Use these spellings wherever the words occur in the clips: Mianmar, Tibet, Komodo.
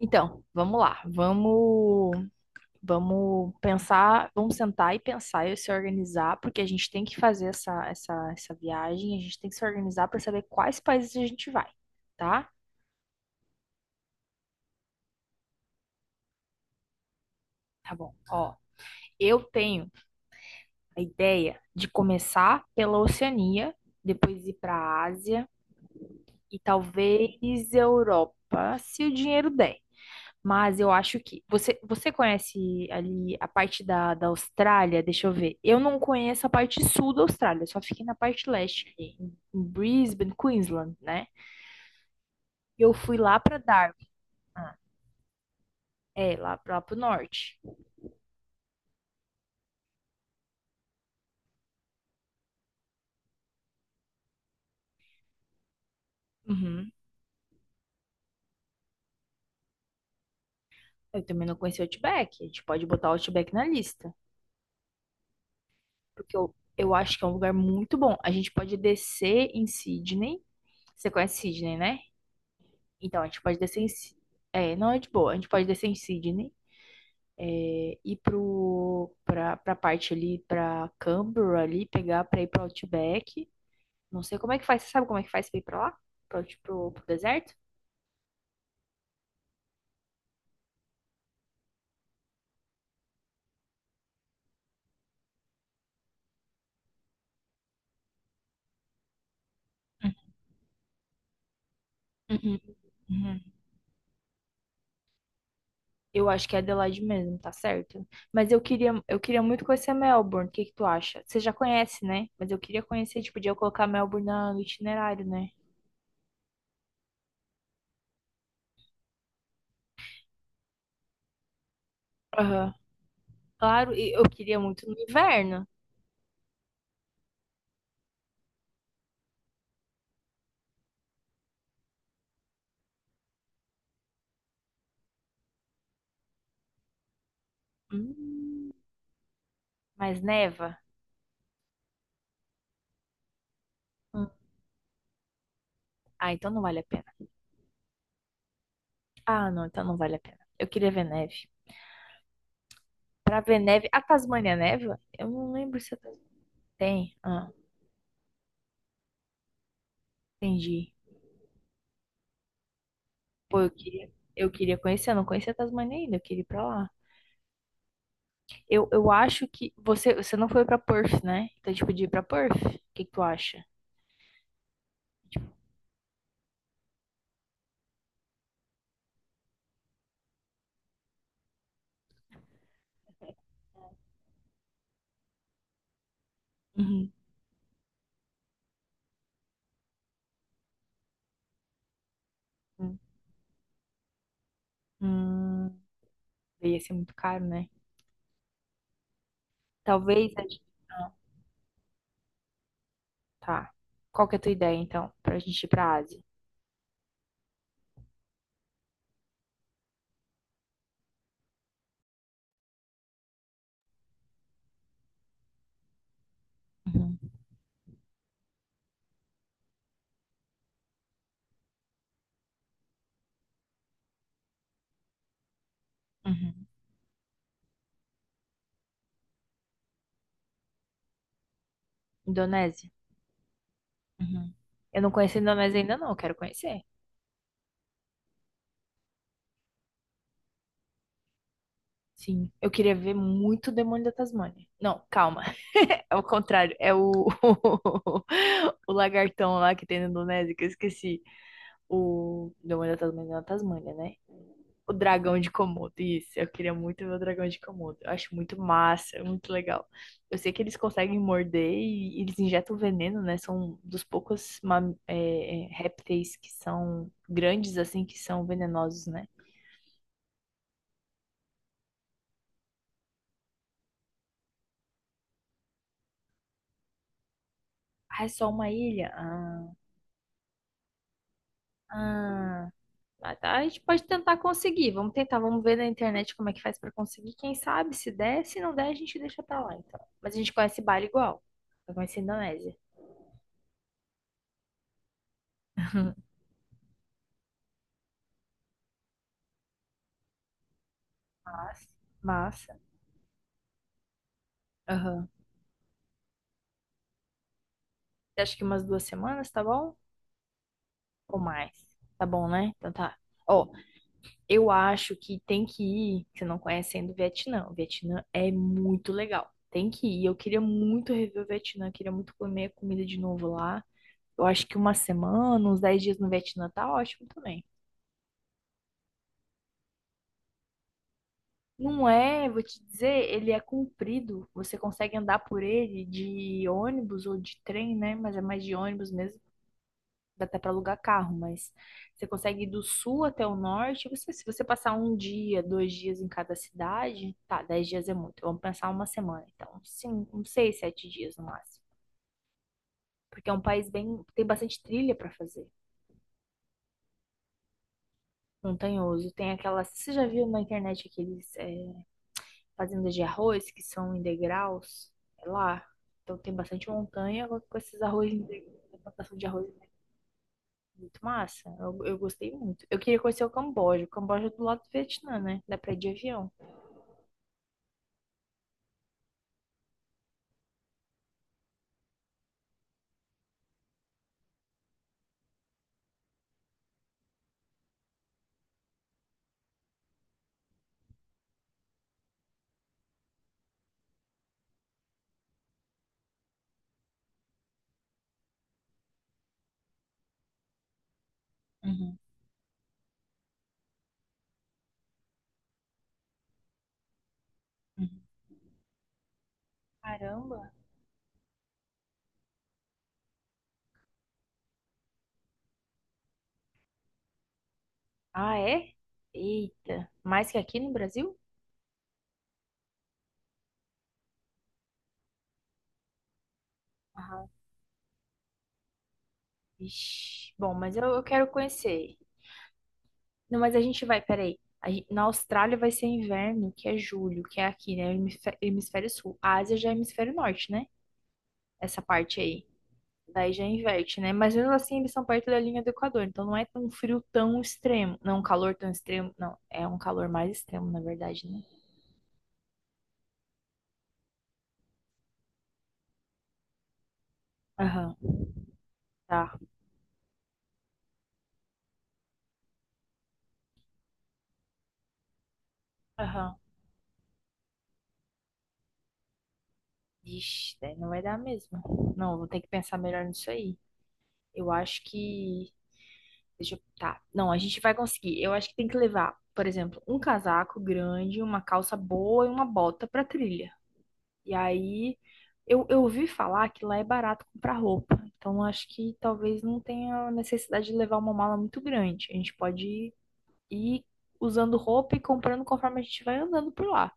Então, vamos lá, vamos pensar, vamos sentar e pensar e se organizar, porque a gente tem que fazer essa viagem, a gente tem que se organizar para saber quais países a gente vai, tá? Tá bom. Ó, eu tenho a ideia de começar pela Oceania, depois ir para a Ásia e talvez Europa, se o dinheiro der. Mas eu acho que você conhece ali a parte da Austrália. Deixa eu ver. Eu não conheço a parte sul da Austrália, eu só fiquei na parte leste, ali, em Brisbane, Queensland, né? E eu fui lá para Darwin. Ah, é, lá pro norte. Uhum. Eu também não conheci o Outback. A gente pode botar o Outback na lista, porque eu acho que é um lugar muito bom. A gente pode descer em Sydney. Você conhece Sydney, né? Então a gente pode descer em. É, não é de boa. A gente pode descer em Sydney, ir para pra parte ali, para Canberra ali, pegar para ir para Outback. Não sei como é que faz, você sabe como é que faz para ir para lá? Para tipo, pro deserto? Uhum, uhum. Eu acho que é Adelaide mesmo, tá certo? Mas eu queria muito conhecer Melbourne, o que que tu acha? Você já conhece, né? Mas eu queria conhecer, tipo, podia colocar Melbourne no itinerário, né? Aham. Claro, e eu queria muito no inverno. Hum, mas neva? Hum. Ah, então não vale a pena. Ah, não, então não vale a pena. Eu queria ver neve. Pra ver neve. A Tasmânia neva? Eu não lembro se a Tasmânia tem. Ah, entendi. Pô, eu queria conhecer. Eu não conhecia a Tasmânia ainda. Eu queria ir pra lá. Eu acho que. Você não foi pra Perth, né? Então, tipo, de ir pra Perth? O que que tu acha? Uhum. Hum, hum, ia ser muito caro, né? Talvez a gente. Ah, tá. Qual que é a tua ideia, então, pra gente ir pra Ásia? Uhum. Uhum. Indonésia? Uhum. Eu não conheço a Indonésia ainda, não. Eu quero conhecer. Sim, eu queria ver muito o Demônio da Tasmânia. Não, calma, é o contrário, é o, o lagartão lá que tem na Indonésia, que eu esqueci. O Demônio da Tasmânia é na Tasmânia, né? O dragão de Komodo, isso, eu queria muito ver o dragão de Komodo. Eu acho muito massa, é muito legal. Eu sei que eles conseguem morder e eles injetam veneno, né? São dos poucos répteis que são grandes, assim, que são venenosos, né? Ah, é só uma ilha? Ah, ah. Ah, tá, a gente pode tentar conseguir. Vamos tentar, vamos ver na internet como é que faz pra conseguir. Quem sabe, se der, se não der, a gente deixa pra lá, então. Mas a gente conhece Bali igual. Eu conheci a Indonésia. Mas, massa. Aham. Você acha que umas 2 semanas, tá bom? Ou mais? Tá bom, né? Então tá. Ó, eu acho que tem que ir, se não conhecendo o Vietnã. O Vietnã é muito legal. Tem que ir. Eu queria muito rever o Vietnã, queria muito comer a comida de novo lá. Eu acho que uma semana, uns 10 dias no Vietnã tá ótimo também. Não é, vou te dizer, ele é comprido. Você consegue andar por ele de ônibus ou de trem, né? Mas é mais de ônibus mesmo. Dá até para alugar carro, mas você consegue ir do sul até o norte. Se você passar um dia, 2 dias em cada cidade, tá, 10 dias é muito. Vamos pensar uma semana, então, cinco, uns seis, 7 dias no máximo. Porque é um país bem, tem bastante trilha para fazer, montanhoso. Tem aquela. Você já viu na internet aqueles fazendas de arroz que são em degraus, é lá. Então tem bastante montanha com esses arroz, a plantação de arroz é muito massa. Eu gostei muito. Eu queria conhecer o Camboja. O Camboja é do lado do Vietnã, né? Dá pra ir de avião. Uhum, uhum. Caramba. Ah, é? Eita. Mais que aqui no Brasil? Aham. Ixi. Bom, mas eu quero conhecer. Não, mas a gente vai, peraí. Na Austrália vai ser inverno, que é julho, que é aqui, né? Hemisfério Sul. A Ásia já é hemisfério norte, né? Essa parte aí. Daí já inverte, né? Mas mesmo assim eles são perto da linha do Equador, então não é um frio tão extremo. Não, é um calor tão extremo. Não, é um calor mais extremo, na verdade, né? Aham, tá. Aham. Ixi, daí não vai dar mesmo. Não, vou ter que pensar melhor nisso aí. Eu acho que. Deixa eu. Tá. Não, a gente vai conseguir. Eu acho que tem que levar, por exemplo, um casaco grande, uma calça boa e uma bota pra trilha. E aí eu ouvi falar que lá é barato comprar roupa. Então acho que talvez não tenha necessidade de levar uma mala muito grande. A gente pode ir usando roupa e comprando conforme a gente vai andando por lá.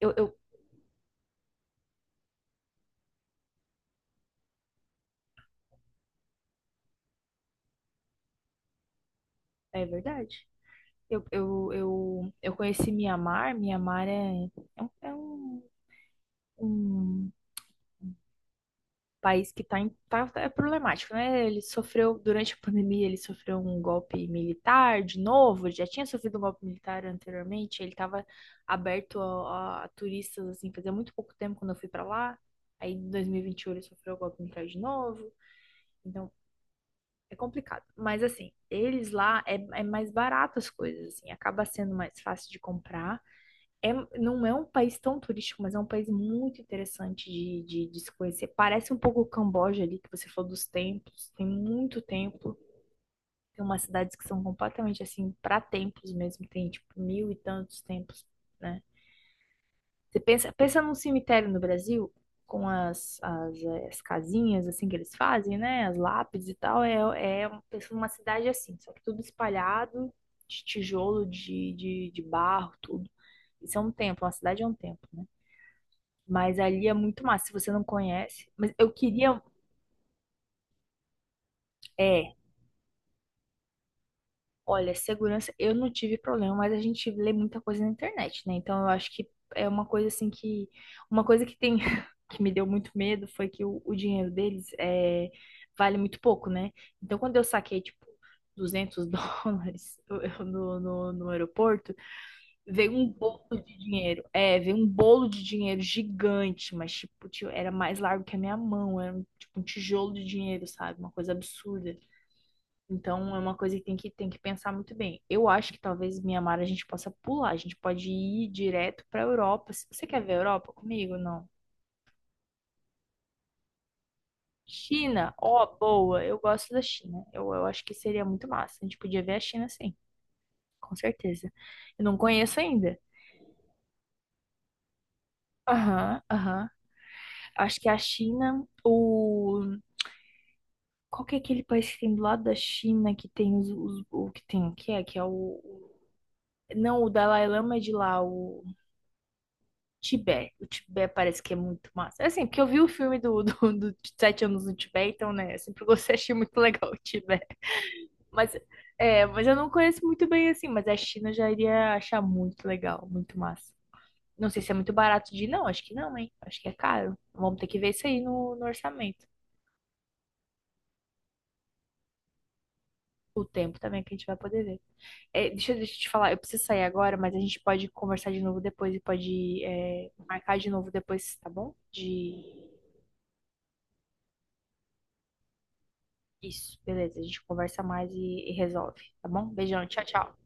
Eu, eu, é verdade. Eu conheci Mianmar. Mianmar é um país que é problemático, né? Ele sofreu, durante a pandemia, ele sofreu um golpe militar de novo, ele já tinha sofrido um golpe militar anteriormente, ele estava aberto a turistas, assim, fazia muito pouco tempo quando eu fui para lá, aí em 2021 ele sofreu o golpe militar de novo, então é complicado. Mas, assim, eles lá é mais barato as coisas, assim, acaba sendo mais fácil de comprar, é, não é um país tão turístico, mas é um país muito interessante de se conhecer. Parece um pouco o Camboja ali, que você falou dos templos. Tem muito templo. Tem umas cidades que são completamente assim, para templos mesmo. Tem tipo mil e tantos templos, né? Você pensa num cemitério no Brasil, com as casinhas assim que eles fazem, né? As lápides e tal. Pensa numa cidade assim, só que tudo espalhado, de tijolo, de barro, tudo. Isso é um templo, uma cidade é um templo, né? Mas ali é muito massa, se você não conhece. Mas eu queria. É, olha, segurança, eu não tive problema, mas a gente lê muita coisa na internet, né? Então eu acho que é uma coisa assim que. Uma coisa que tem. que me deu muito medo foi que o dinheiro deles vale muito pouco, né? Então quando eu saquei, tipo, 200 dólares no aeroporto, veio um bolo de dinheiro. É, veio um bolo de dinheiro gigante, mas tipo, tio, era mais largo que a minha mão. Tipo um tijolo de dinheiro, sabe? Uma coisa absurda. Então é uma coisa que tem que pensar muito bem. Eu acho que talvez Mianmar a gente possa pular. A gente pode ir direto pra Europa. Você quer ver a Europa comigo? Não. China, ó, boa. Eu gosto da China. Eu acho que seria muito massa. A gente podia ver a China sim, com certeza. Eu não conheço ainda. Aham, aham. Acho que a China. O Qual que é aquele país que tem do lado da China que tem o que tem que é o não o Dalai Lama é de lá o Tibete. O Tibete parece que é muito massa. É, assim, porque eu vi o filme do Sete Anos no Tibete, então né, eu sempre gostei, achei muito legal o Tibete. Mas mas eu não conheço muito bem assim, mas a China eu já iria achar muito legal, muito massa. Não sei se é muito barato de ir, não, acho que não, hein? Acho que é caro. Vamos ter que ver isso aí no orçamento. O tempo também que a gente vai poder ver. É, deixa eu te falar, eu preciso sair agora, mas a gente pode conversar de novo depois e pode, marcar de novo depois, tá bom? Isso, beleza. A gente conversa mais e resolve, tá bom? Beijão, tchau, tchau.